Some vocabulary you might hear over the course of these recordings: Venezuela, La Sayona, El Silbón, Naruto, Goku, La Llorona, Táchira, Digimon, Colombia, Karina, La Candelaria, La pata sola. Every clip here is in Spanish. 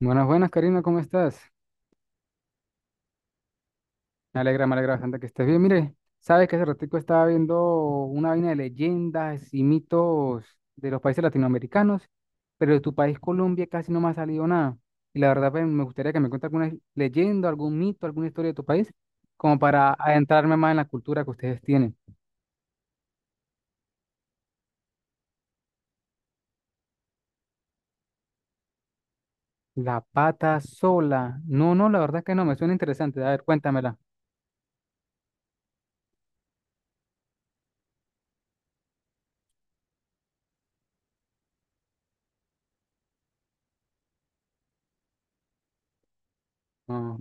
Buenas, buenas, Karina, ¿cómo estás? Me alegra bastante que estés bien. Mire, sabes que hace ratico estaba viendo una vaina de leyendas y mitos de los países latinoamericanos, pero de tu país, Colombia, casi no me ha salido nada. Y la verdad, pues, me gustaría que me cuentes alguna leyenda, algún mito, alguna historia de tu país, como para adentrarme más en la cultura que ustedes tienen. La pata sola. No, no, la verdad es que no, me suena interesante. A ver, cuéntamela. Ah.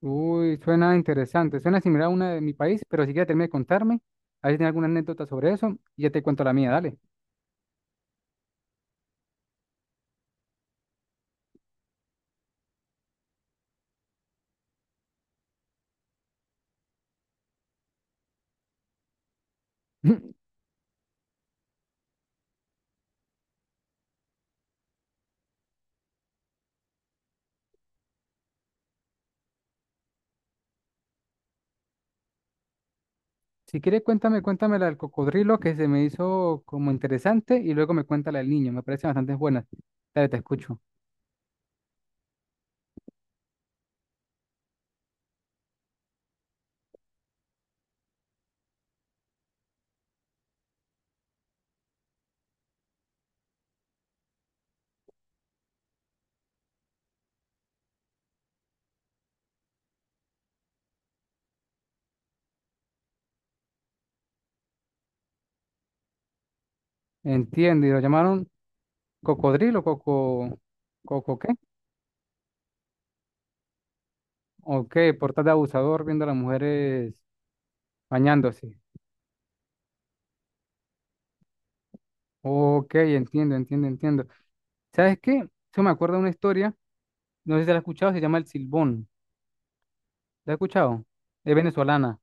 Uy, suena interesante. Suena similar a una de mi país, pero si quieres terminar de contarme, a ver si tiene alguna anécdota sobre eso y ya te cuento la mía, dale. Si quieres, cuéntame, cuéntame la del cocodrilo que se me hizo como interesante y luego me cuenta la del niño. Me parece bastante buena. Dale, te escucho. Entiendo, y lo llamaron cocodrilo, coco, coco, ¿qué? Ok, por tal de abusador viendo a las mujeres bañándose. Ok, entiendo, entiendo, entiendo. ¿Sabes qué? Yo me acuerdo de una historia, no sé si la has escuchado, se llama El Silbón. ¿La he escuchado? Es venezolana.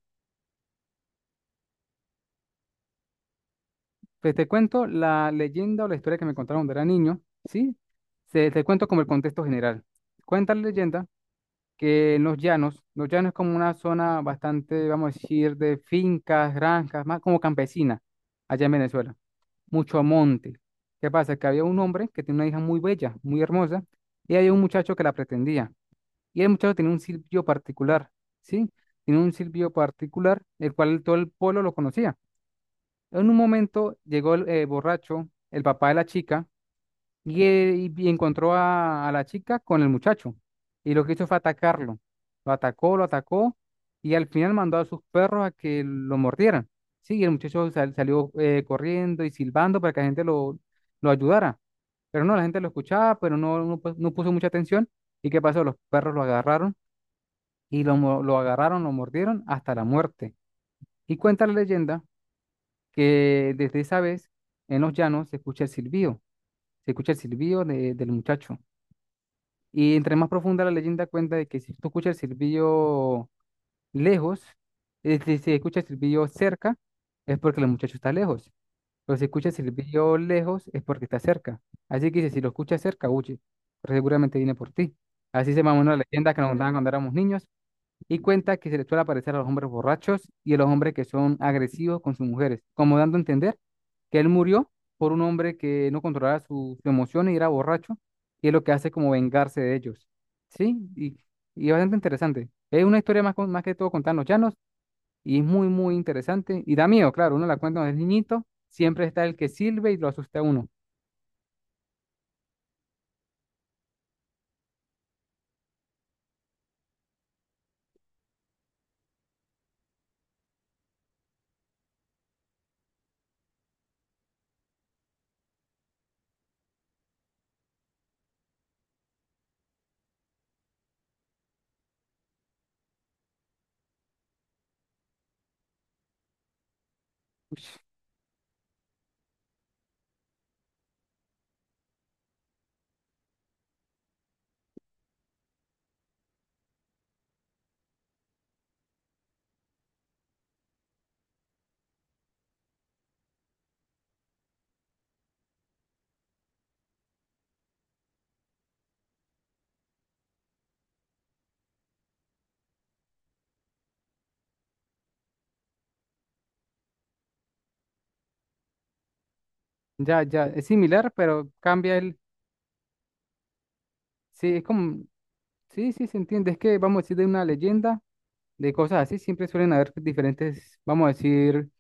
Pues te cuento la leyenda o la historia que me contaron cuando era niño, ¿sí? Se, te cuento como el contexto general. Cuenta la leyenda que en los llanos es como una zona bastante, vamos a decir, de fincas, granjas, más como campesina, allá en Venezuela. Mucho monte. ¿Qué pasa? Que había un hombre que tenía una hija muy bella, muy hermosa, y había un muchacho que la pretendía. Y el muchacho tenía un silbido particular, ¿sí? Tenía un silbido particular, el cual todo el pueblo lo conocía. En un momento llegó el borracho, el papá de la chica, y encontró a la chica con el muchacho. Y lo que hizo fue atacarlo. Lo atacó, y al final mandó a sus perros a que lo mordieran. Sí, y el muchacho salió corriendo y silbando para que la gente lo ayudara. Pero no, la gente lo escuchaba, pero no, no, no puso mucha atención. ¿Y qué pasó? Los perros lo agarraron y lo, lo agarraron, lo mordieron hasta la muerte. Y cuenta la leyenda que desde esa vez en los llanos se escucha el silbido, se escucha el silbido del muchacho. Y entre más profunda la leyenda cuenta de que si tú escuchas el silbido lejos, es decir, si se escucha el silbido cerca, es porque el muchacho está lejos. Pero si escucha el silbido lejos, es porque está cerca. Así que dice, si lo escuchas cerca, huye, pero seguramente viene por ti. Así se mamó una leyenda que nos contaban cuando éramos niños y cuenta que se le suele aparecer a los hombres borrachos y a los hombres que son agresivos con sus mujeres, como dando a entender que él murió por un hombre que no controlaba sus emociones y era borracho, y es lo que hace como vengarse de ellos. ¿Sí? Y bastante interesante. Es una historia más, más que todo contar en los llanos y es muy, muy interesante. Y da miedo, claro, uno la cuenta cuando es niñito, siempre está el que sirve y lo asusta a uno. Ya, ya, es similar, pero cambia el... Sí, es como... Sí, sí, se entiende. Es que vamos a decir de una leyenda de cosas así, siempre suelen haber diferentes, vamos a decir,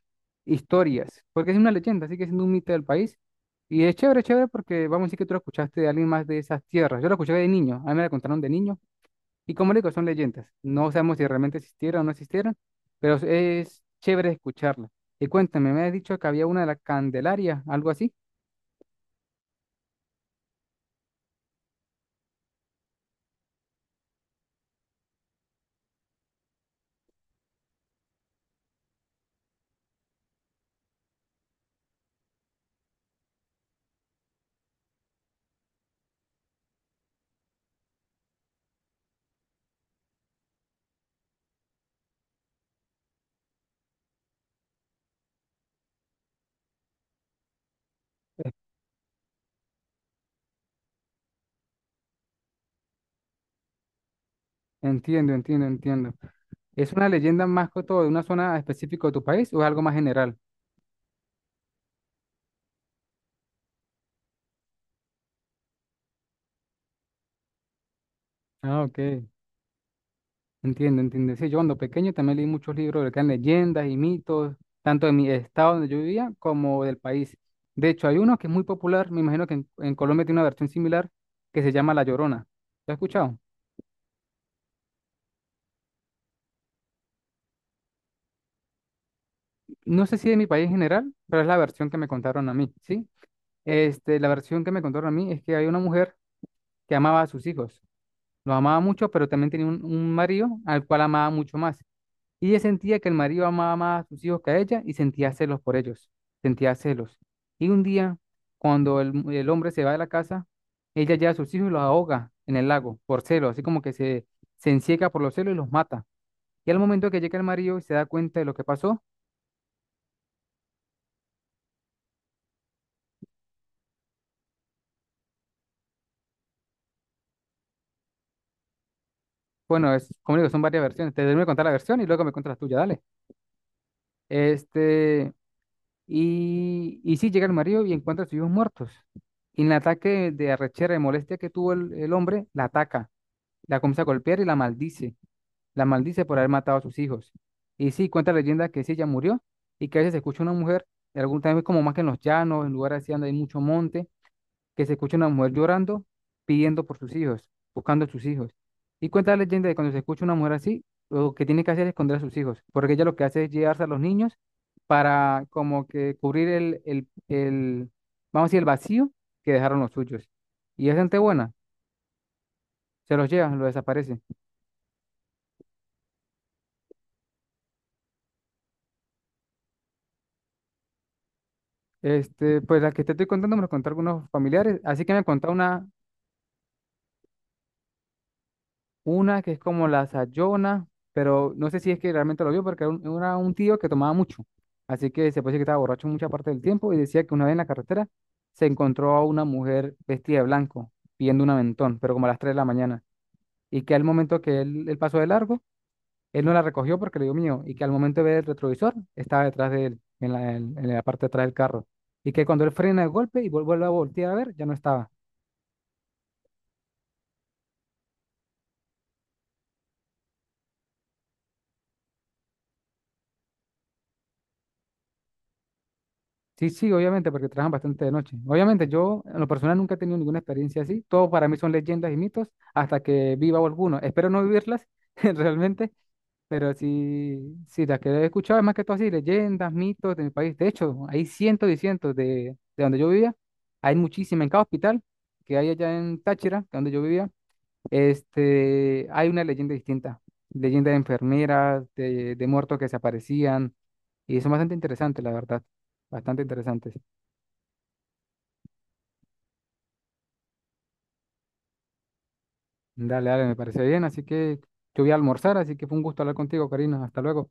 historias, porque es una leyenda, sigue siendo un mito del país. Y es chévere, chévere, porque vamos a decir que tú lo escuchaste de alguien más de esas tierras. Yo lo escuché de niño, a mí me la contaron de niño. Y como le digo, son leyendas. No sabemos si realmente existieron o no existieron, pero es chévere escucharla. Y cuéntame, me has dicho que había una de la Candelaria, algo así. Entiendo, entiendo, entiendo. ¿Es una leyenda más que todo de una zona específica de tu país o es algo más general? Ah, ok. Entiendo, entiendo. Sí, yo cuando pequeño también leí muchos libros de que eran leyendas y mitos, tanto de mi estado donde yo vivía como del país. De hecho, hay uno que es muy popular, me imagino que en Colombia tiene una versión similar, que se llama La Llorona. ¿Lo has escuchado? No sé si de mi país en general, pero es la versión que me contaron a mí, ¿sí? Este, la versión que me contaron a mí es que hay una mujer que amaba a sus hijos. Los amaba mucho, pero también tenía un marido al cual amaba mucho más. Y ella sentía que el marido amaba más a sus hijos que a ella y sentía celos por ellos, sentía celos. Y un día, cuando el, el hombre se va de la casa, ella lleva a sus hijos y los ahoga en el lago por celos, así como que se encieca por los celos y los mata. Y al momento que llega el marido y se da cuenta de lo que pasó, bueno, es, como digo, son varias versiones. Te debo contar la versión y luego me cuentas la tuya, dale. Este, y sí, llega el marido y encuentra a sus hijos muertos. Y en el ataque de arrechera y molestia que tuvo el hombre, la ataca. La comienza a golpear y la maldice. La maldice por haber matado a sus hijos. Y sí, cuenta la leyenda que sí, ella murió y que a veces se escucha una mujer, en algún también como más que en los llanos, en lugares así donde hay mucho monte, que se escucha una mujer llorando, pidiendo por sus hijos, buscando a sus hijos. Y cuenta la leyenda de cuando se escucha una mujer así, lo que tiene que hacer es esconder a sus hijos, porque ella lo que hace es llevarse a los niños para como que cubrir vamos a decir, el vacío que dejaron los suyos. Y es gente buena, se los lleva, los desaparece. Este, pues la que te estoy contando me lo contaron algunos familiares, así que me contó una que es como la Sayona, pero no sé si es que realmente lo vio porque era un tío que tomaba mucho, así que se puede decir que estaba borracho mucha parte del tiempo y decía que una vez en la carretera se encontró a una mujer vestida de blanco pidiendo un aventón, pero como a las 3 de la mañana, y que al momento que él pasó de largo, él no la recogió porque le dio miedo, y que al momento de ver el retrovisor estaba detrás de él, en la, en la parte de atrás del carro, y que cuando él frena de golpe y vuelve a voltear a ver, ya no estaba. Sí, sí, obviamente, porque trabajan bastante de noche. Obviamente, yo en lo personal nunca he tenido ninguna experiencia así. Todo para mí son leyendas y mitos hasta que viva alguno. Espero no vivirlas realmente, pero sí, sí, las que he escuchado es más que todo así, leyendas, mitos de mi país. De hecho, hay cientos y cientos de donde yo vivía. Hay muchísimas. En cada hospital que hay allá en Táchira, donde yo vivía, este, hay una leyenda distinta. Leyenda de enfermeras, de muertos que se aparecían. Y son bastante interesantes, la verdad. Bastante interesantes. Dale, dale, me parece bien. Así que yo voy a almorzar, así que fue un gusto hablar contigo, Karina. Hasta luego.